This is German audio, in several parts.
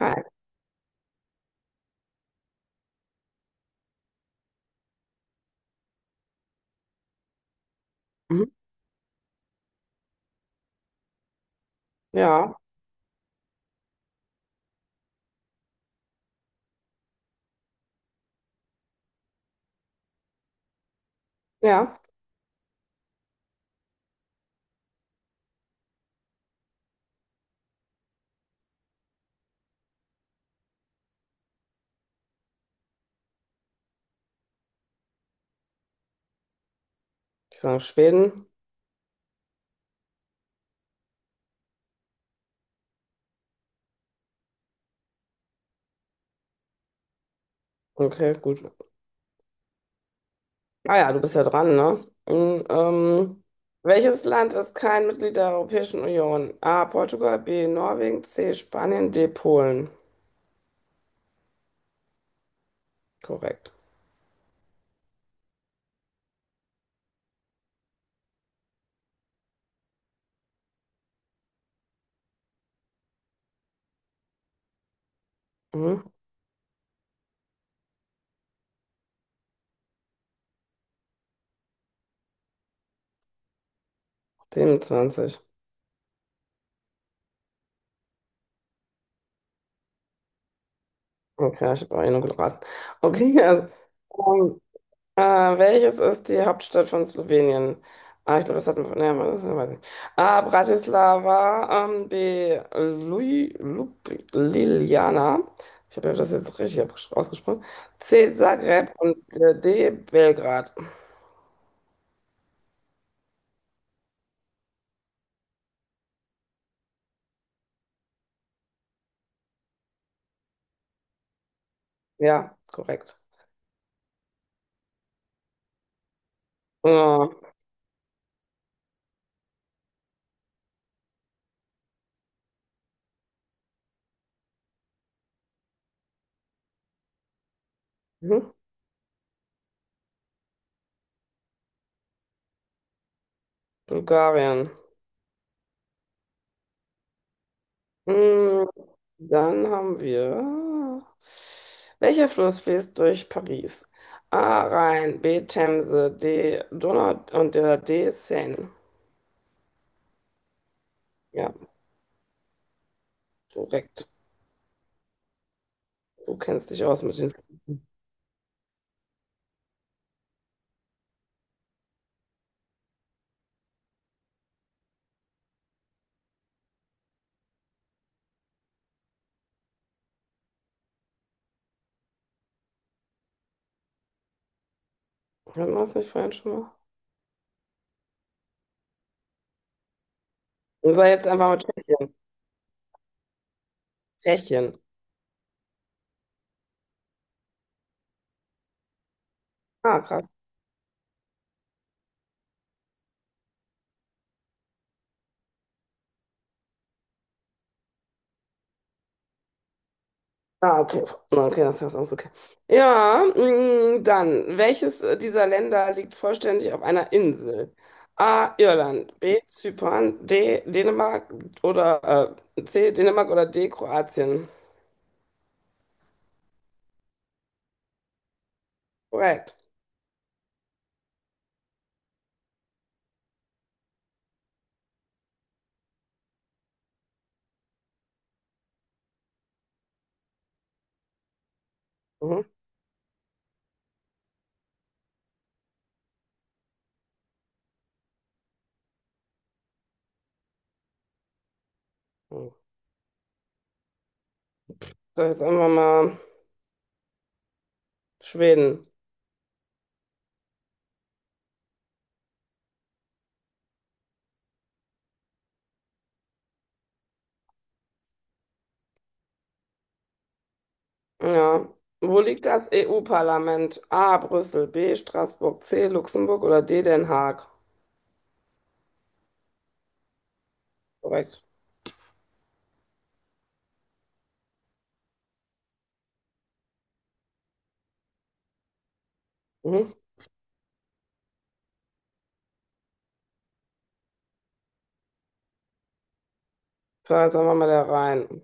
Hi. Mhm. Ja, ja. Ich sage Schweden. Okay, gut. Ah ja, du bist ja dran, ne? Mhm. Welches Land ist kein Mitglied der Europäischen Union? A. Portugal, B. Norwegen, C. Spanien, D. Polen. Korrekt. Mhm. 27. Okay, ich habe auch eh nur geraten. Okay, also, ah, welches ist die Hauptstadt von Slowenien? Ah, ich glaube, das hat man. Nee, das weiß ich nicht. A. Bratislava. B. Ljubljana. Ich habe das jetzt richtig ausgesprochen. C. Zagreb und D. Belgrad. Ja, korrekt. Ja. Mhm. Bulgarien. Mm. Dann haben wir. Welcher Fluss fließt durch Paris? A. Rhein, B. Themse, D. Donau und der D. Seine. Ja, korrekt. Du kennst dich aus mit den Flüssen. Hatten wir das nicht vorhin schon mal? Und sei jetzt einfach mit Tschechien. Tschechien. Ah, krass. Ah, okay. Okay, das ist alles okay. Ja, dann, welches dieser Länder liegt vollständig auf einer Insel? A. Irland, B. Zypern, D. Dänemark oder C. Dänemark oder D. Kroatien. Korrekt. Mhm. Mhm. So, jetzt einfach mal Schweden. Ja. Wo liegt das EU-Parlament? A. Brüssel, B. Straßburg, C. Luxemburg oder D. Den Haag. Korrekt. Mhm. So, jetzt einfach mal da rein.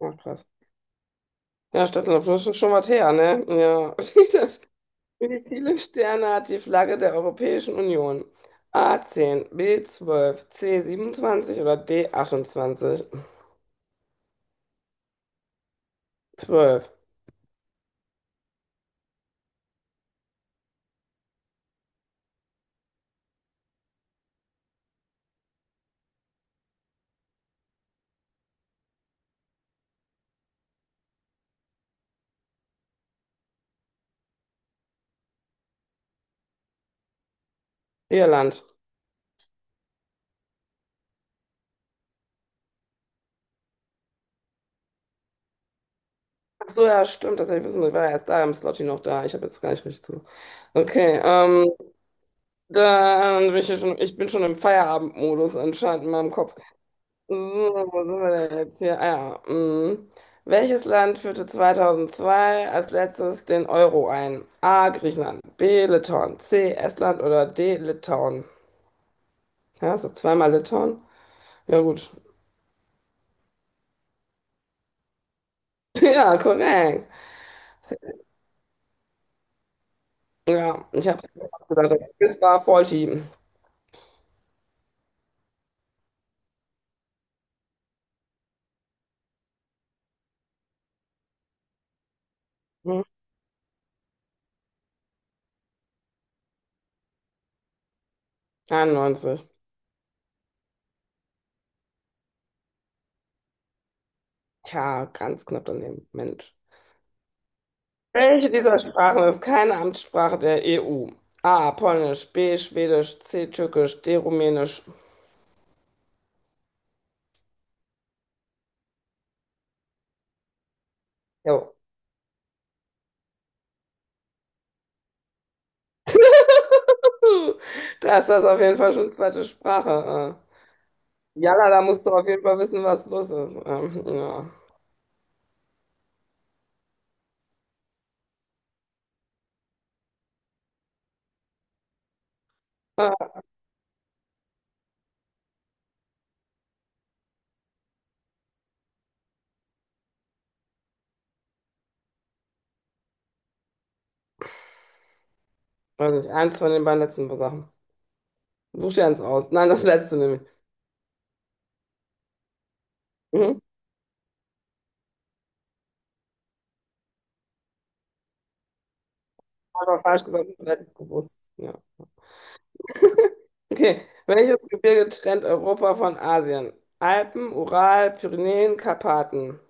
Ach, krass. Ja, Stadtland, das ist schon was her, ne? Ja. Das, wie viele Sterne hat die Flagge der Europäischen Union? A 10, B 12, C 27 oder D 28. 12. Irland. Ach so, ja, stimmt, tatsächlich wissen wir, ich war ja erst da im Slotty noch da. Ich habe jetzt gar nicht richtig zu. Okay, dann bin ich ja schon, ich bin schon im Feierabendmodus anscheinend in meinem Kopf. So, wo sind wir denn jetzt hier? Ah, ja. Mm. Welches Land führte 2002 als letztes den Euro ein? A. Griechenland, B. Litauen, C. Estland oder D. Litauen? Ja, ist das zweimal Litauen? Ja, gut. Ja, korrekt. Ja, ich habe es gesagt, das Quiz war voll Team. Hm, 91. Tja, ganz knapp daneben. Mensch. Welche dieser Sprachen ist keine Amtssprache der EU? A. Polnisch, B. Schwedisch, C. Türkisch, D. Rumänisch. Jo. Da ist das auf jeden Fall schon zweite Sprache. Jalla, da musst du auf jeden Fall wissen, was los ist. Ja. Ah, weiß nicht, eins von den beiden letzten Sachen. Such dir eins aus. Nein, das letzte nämlich. Mhm. Aber falsch gesagt, das hätte ich gewusst. Ja. Okay. Welches Gebirge trennt Europa von Asien? Alpen, Ural, Pyrenäen, Karpaten.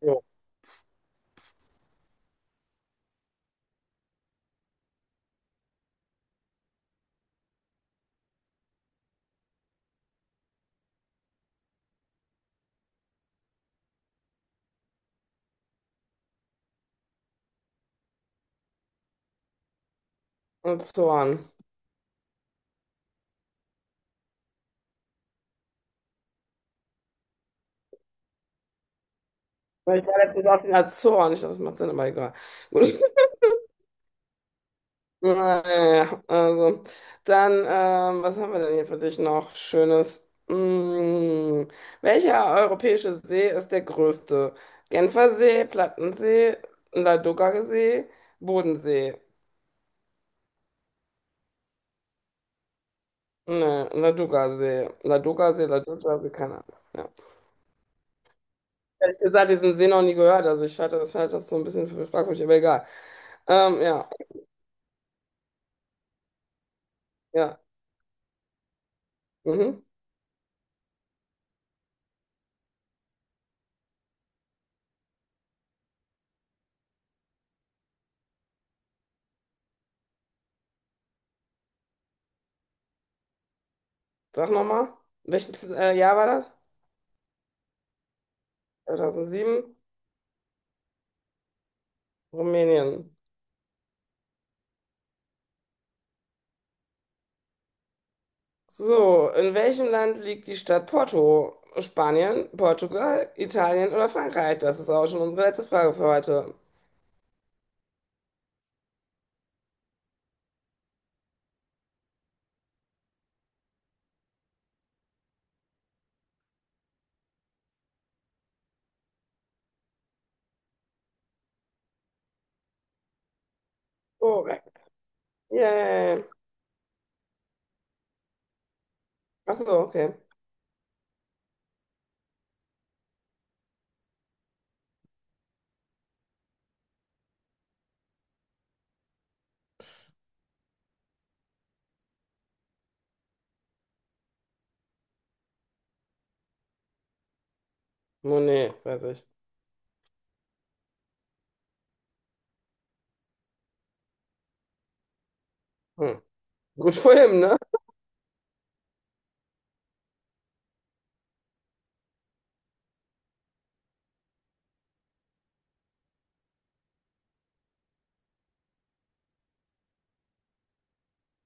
Jo. Und Zorn. Weil ich war letztens auf den Azoren. Ich glaube, das macht Sinn, aber egal. Gut. Naja, also. Dann, was haben wir denn hier für dich noch Schönes? Welcher europäische See ist der größte? Genfer See, Plattensee, Ladoga See, Bodensee. Ne, Ladoga See. Ladoga See, Ladoga See, keine Ahnung. Ja. Ehrlich gesagt, diesen See noch nie gehört. Also ich halte das so ein bisschen für fragwürdig, aber egal. Ja, ja. Mhm. Sag nochmal. Welches Jahr war das? 2007, Rumänien. So, in welchem Land liegt die Stadt Porto? Spanien, Portugal, Italien oder Frankreich? Das ist auch schon unsere letzte Frage für heute. Korrekt. Yay. Achso, okay. Monet, weiß ich. Hm. Gut für ihn, ne?